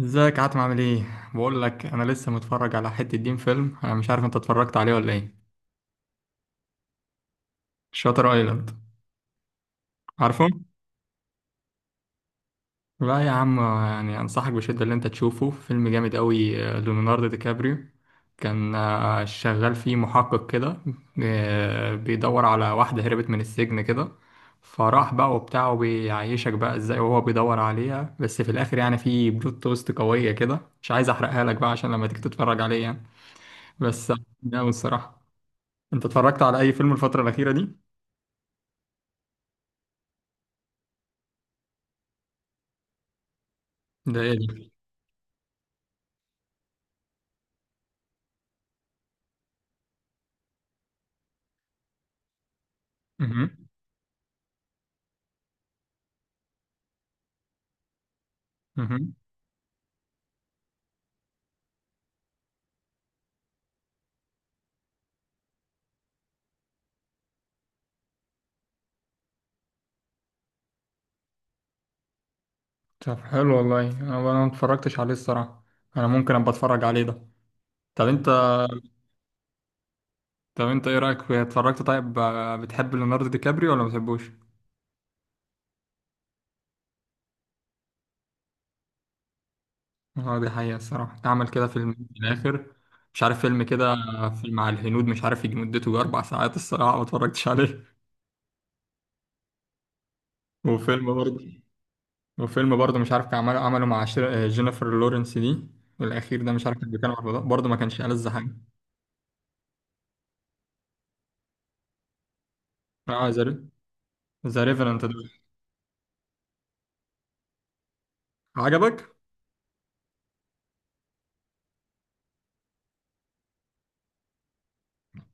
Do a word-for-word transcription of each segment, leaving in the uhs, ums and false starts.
ازيك عاتم، عامل ايه؟ بقول لك انا لسه متفرج على حته دين فيلم، انا مش عارف انت اتفرجت عليه ولا ايه؟ شاتر ايلاند، عارفه؟ لا يا عم، يعني انصحك بشده اللي انت تشوفه، فيلم جامد قوي، آه، ليوناردو دي كابريو كان آه، شغال فيه محقق كده. آه، بيدور على واحده هربت من السجن كده. فراح بقى وبتاع، وبيعيشك بقى ازاي وهو بيدور عليها، بس في الاخر يعني في بلوت توست قويه كده، مش عايز احرقها لك بقى عشان لما تيجي تتفرج عليه يعني. بس آه، جامد الصراحه. انت اتفرجت على اي فيلم الفترة الأخيرة دي؟ ده ايه دي؟ مهم. مهم. طب حلو والله، انا أنا ما اتفرجتش عليه الصراحة. انا ممكن ابقى اتفرج عليه ده. طب انت. طب انت ايه رأيك في اتفرجت طيب، آه، بتحب ليوناردو دي كابريو ولا ما بتحبوش؟ اه دي حقيقة الصراحة، عمل كده فيلم في الآخر. مش عارف فيلم كده. فيلم مع الهنود مش عارف، يجي مدته أربع ساعات، الصراحة ما اتفرجتش عليه. وفيلم برضه. وفيلم برضه مش عارف كان عمله عمله مع شير- آه، جينيفر لورنس دي. الأخير ده مش عارف كان بيتكلم عن الموضوع، برضه ما كانش ألذ حاجة. اه زي. ذا ريفرنت ده. عجبك؟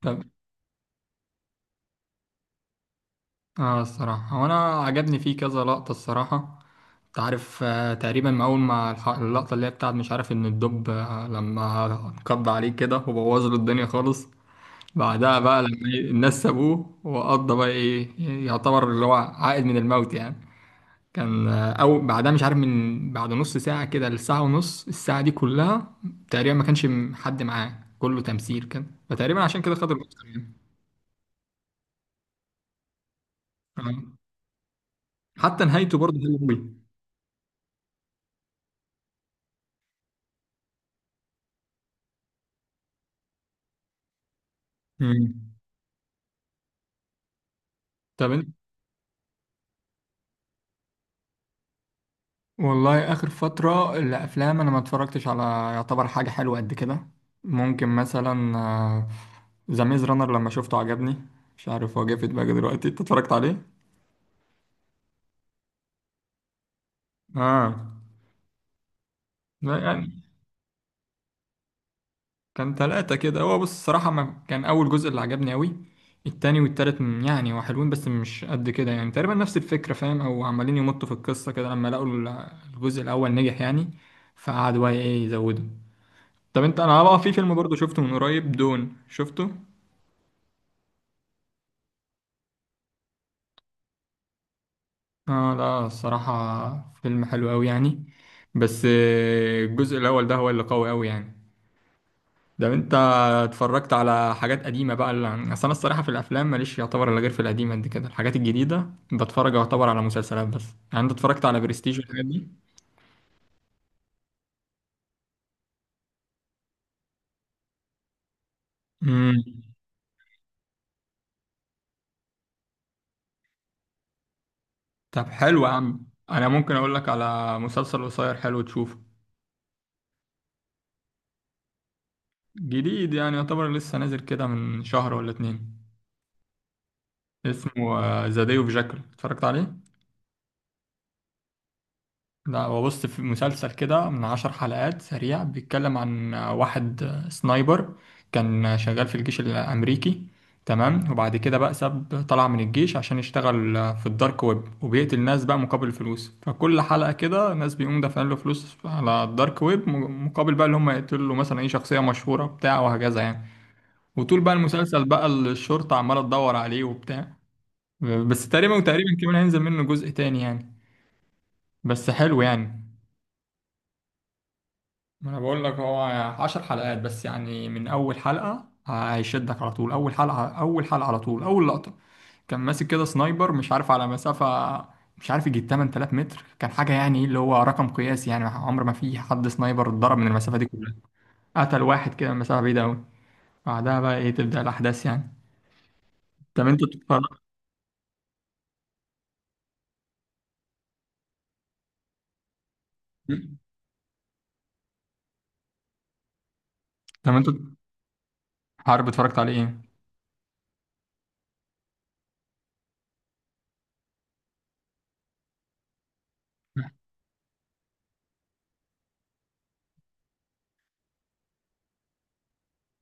طب. اه الصراحة، هو انا عجبني فيه كذا لقطة الصراحة. انت عارف آه تقريبا ما اول ما الح- اللقطة اللي هي بتاعت مش عارف ان الدب آه لما قضى عليه كده وبوظ له الدنيا خالص. بعدها بقى لما ي- الناس سابوه، وقضى بقى ايه، يعتبر اللي هو عائد من الموت يعني. كان آه او بعدها مش عارف، من بعد نص ساعة كده لساعة ونص، الساعة دي كلها تقريبا ما كانش م- حد معاه، كله تمثيل كان، فتقريبا عشان كده خد الأوسكار يعني. آه. حتى نهايته برضه حلوه قوي. مم. طب انت. والله اخر فتره الافلام انا ما اتفرجتش على. يعتبر حاجه حلوه قد كده. ممكن مثلا. ذا ميز رانر لما شفته عجبني. مش عارف، هو جه في دماغي دلوقتي، انت اتفرجت عليه؟ اه لا يعني. كان ثلاثة كده، هو بص الصراحة ما كان أول جزء اللي عجبني أوي. التاني والتالت م- يعني هو حلوين بس مش قد كده، يعني تقريبا نفس الفكرة، فاهم؟ أو عمالين يمطوا في القصة كده لما لقوا ال- الجزء الأول نجح يعني. فقعدوا بقى إيه، يزودوا. طب انت. انا بقى في فيلم برضه شفته من قريب، دون، شفته. اه لا، الصراحة فيلم حلو قوي يعني. بس آه، الجزء الاول ده هو اللي قوي قوي يعني. ده انت اتفرجت على حاجات قديمة بقى، اللي... اصل انا الصراحة في الافلام ماليش يعتبر الا غير في القديمة قد كده، الحاجات الجديدة بتفرج يعتبر على مسلسلات بس. يعني انت اتفرجت على برستيج والحاجات دي؟ امم. طب حلو يا عم. انا ممكن اقول لك على مسلسل قصير حلو تشوفه. جديد، يعني يعتبر لسه نازل كده من شهر ولا اتنين. اسمه ذا داي اوف جاكل، اتفرجت عليه؟ لا، هو بص في مسلسل كده من عشر حلقات سريع، بيتكلم عن آه، واحد آه، سنايبر كان آه، شغال في الجيش الأمريكي. تمام، وبعد كده بقى ساب طلع من الجيش عشان يشتغل آه، في الدارك ويب، وبيقتل ناس بقى مقابل فلوس، فكل حلقة كده ناس بيقوم دافعين له فلوس على الدارك ويب مقابل بقى اللي هم يقتلوا له مثلا اي شخصية مشهورة بتاع، وهكذا يعني. وطول بقى المسلسل بقى الشرطة عمالة تدور عليه وبتاع. بس تقريبا، وتقريبا كمان هينزل منه جزء تاني يعني. بس حلو يعني. ما انا بقول لك هو عشر حلقات بس، يعني من اول حلقة هيشدك على طول، اول حلقة اول حلقة، على طول اول لقطة. كان ماسك كده سنايبر، مش عارف على مسافة، مش عارف، يجي 8000 متر كان حاجة، يعني اللي هو رقم قياسي، يعني عمر ما في حد سنايبر اتضرب من المسافة دي كلها. قتل واحد كده من مسافة بعيدة أوي. بعدها بقى إيه، تبدأ الأحداث يعني. طب أنت اتفرجت، طب أنت عارف اتفرجت عليه إيه؟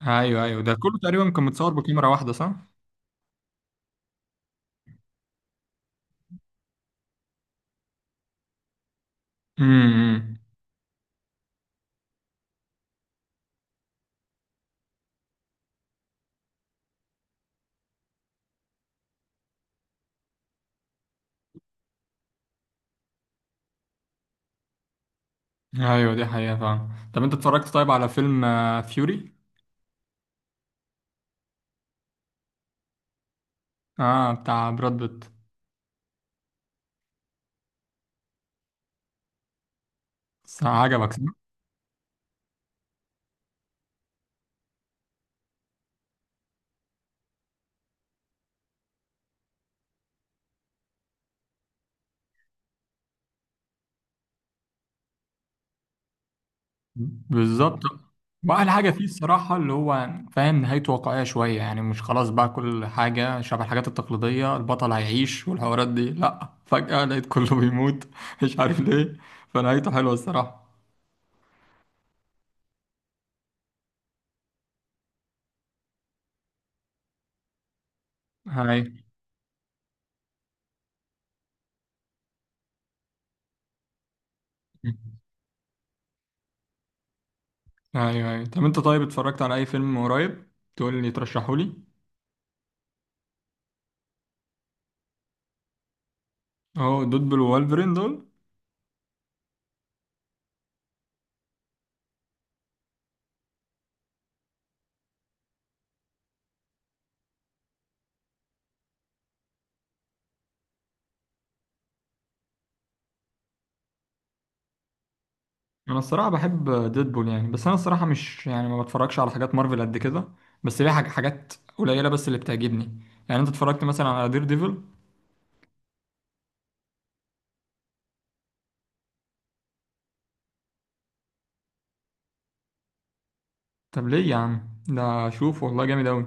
أيوه أيوه، ده كله تقريبا كان متصور بكاميرا واحدة، صح؟ امم. ايوه دي حقيقة فعلا، طب انت اتفرجت طيب على فيلم فيوري. اه، Fury؟ آه، بتاع براد بيت. صح، عجبك صح؟ بالظبط. واحلى حاجة فيه الصراحة اللي هو فاهم، نهايته واقعية شوية، يعني مش خلاص بقى كل حاجة شبه الحاجات التقليدية، البطل هيعيش والحوارات دي، لا فجأة لقيت كله بيموت مش عارف ليه. فنهايته حلوة الصراحة. هاي. ايوه ايوه، طب انت طيب اتفرجت على اي فيلم قريب تقول لي ترشحه لي؟ اهو دول بالوالفرين دول. انا الصراحه بحب ديدبول يعني، بس انا الصراحه مش، يعني ما بتفرجش على حاجات مارفل قد كده. بس ليها حاج- حاجات قليله بس اللي بتعجبني. يعني انت اتفرجت مثلا على دير ديفل؟ طب ليه يا عم؟ ده شوف والله جامد اوي.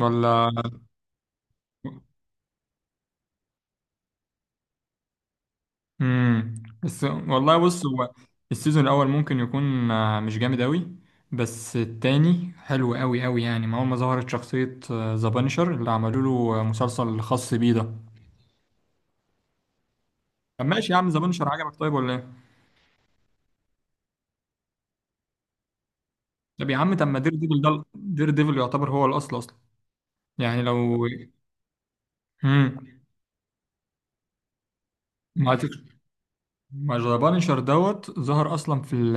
ولا؟ امم بس والله بص، هو السيزون الاول ممكن يكون آه، مش جامد اوي. بس التاني حلو اوي اوي، يعني ما اول ما ظهرت شخصيه ذا بانشر اللي عملوا له مسلسل خاص بيه ده. طب ماشي يا عم، ذا بانشر عجبك طيب ولا إيه؟ طب يا عم، طب ما دير ديفل ده، دير ديفل يعتبر هو الاصل اصلا يعني لو. امم. ما تك- ما ذا بانشر دوت ظهر اصلا في ال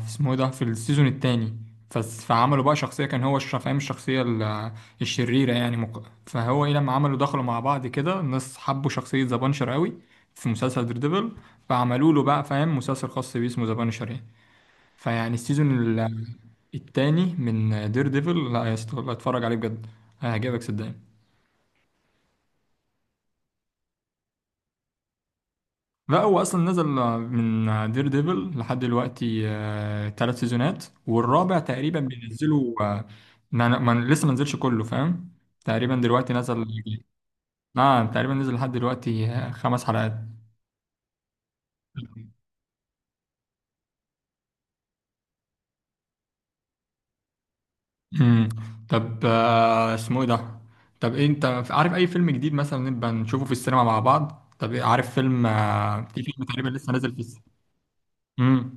في اسمه إيه ده، في السيزون الثاني. فعملوا بقى شخصيه كان هو الش- فاهم الشخصيه ال- الشريره، يعني مق... فهو ايه لما عملوا دخلوا مع بعض كده الناس حبوا شخصيه ذا بانشر قوي في مسلسل دير ديفل. فعملوا له بقى فاهم مسلسل خاص بيه اسمه ذا بانشر يعني. فيعني السيزون الثاني من دير ديفل، لا يا اسطى والله اتفرج عليه بجد، هيعجبك صدقني. لا، هو اصلا نزل من دير ديفل لحد دلوقتي ثلاث سيزونات، والرابع تقريبا بينزله آه، ما ما- لسه ما نزلش كله فاهم. تقريبا دلوقتي نزل. نعم، تقريبا نزل لحد دلوقتي آه، خمس حلقات. امم. طب آه، اسمه ايه ده؟ طب إيه، انت عارف اي فيلم جديد مثلا نبقى نشوفه في السينما مع بعض؟ طب إيه، عارف فيلم آه، في فيلم تقريبا لسه نازل في السينما. امم.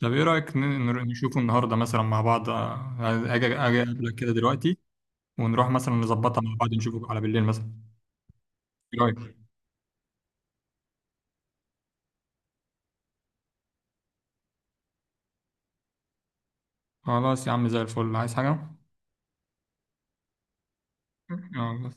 طب ايه رايك ن- نر- نشوفه النهارده مثلا مع بعض، آه، اجي اجي اقابلك كده دلوقتي؟ ونروح مثلا نظبطها مع بعض، نشوفه على بالليل مثلا. ايه رايك؟ خلاص يا عم، زي الفل، عايز حاجه؟ يلا.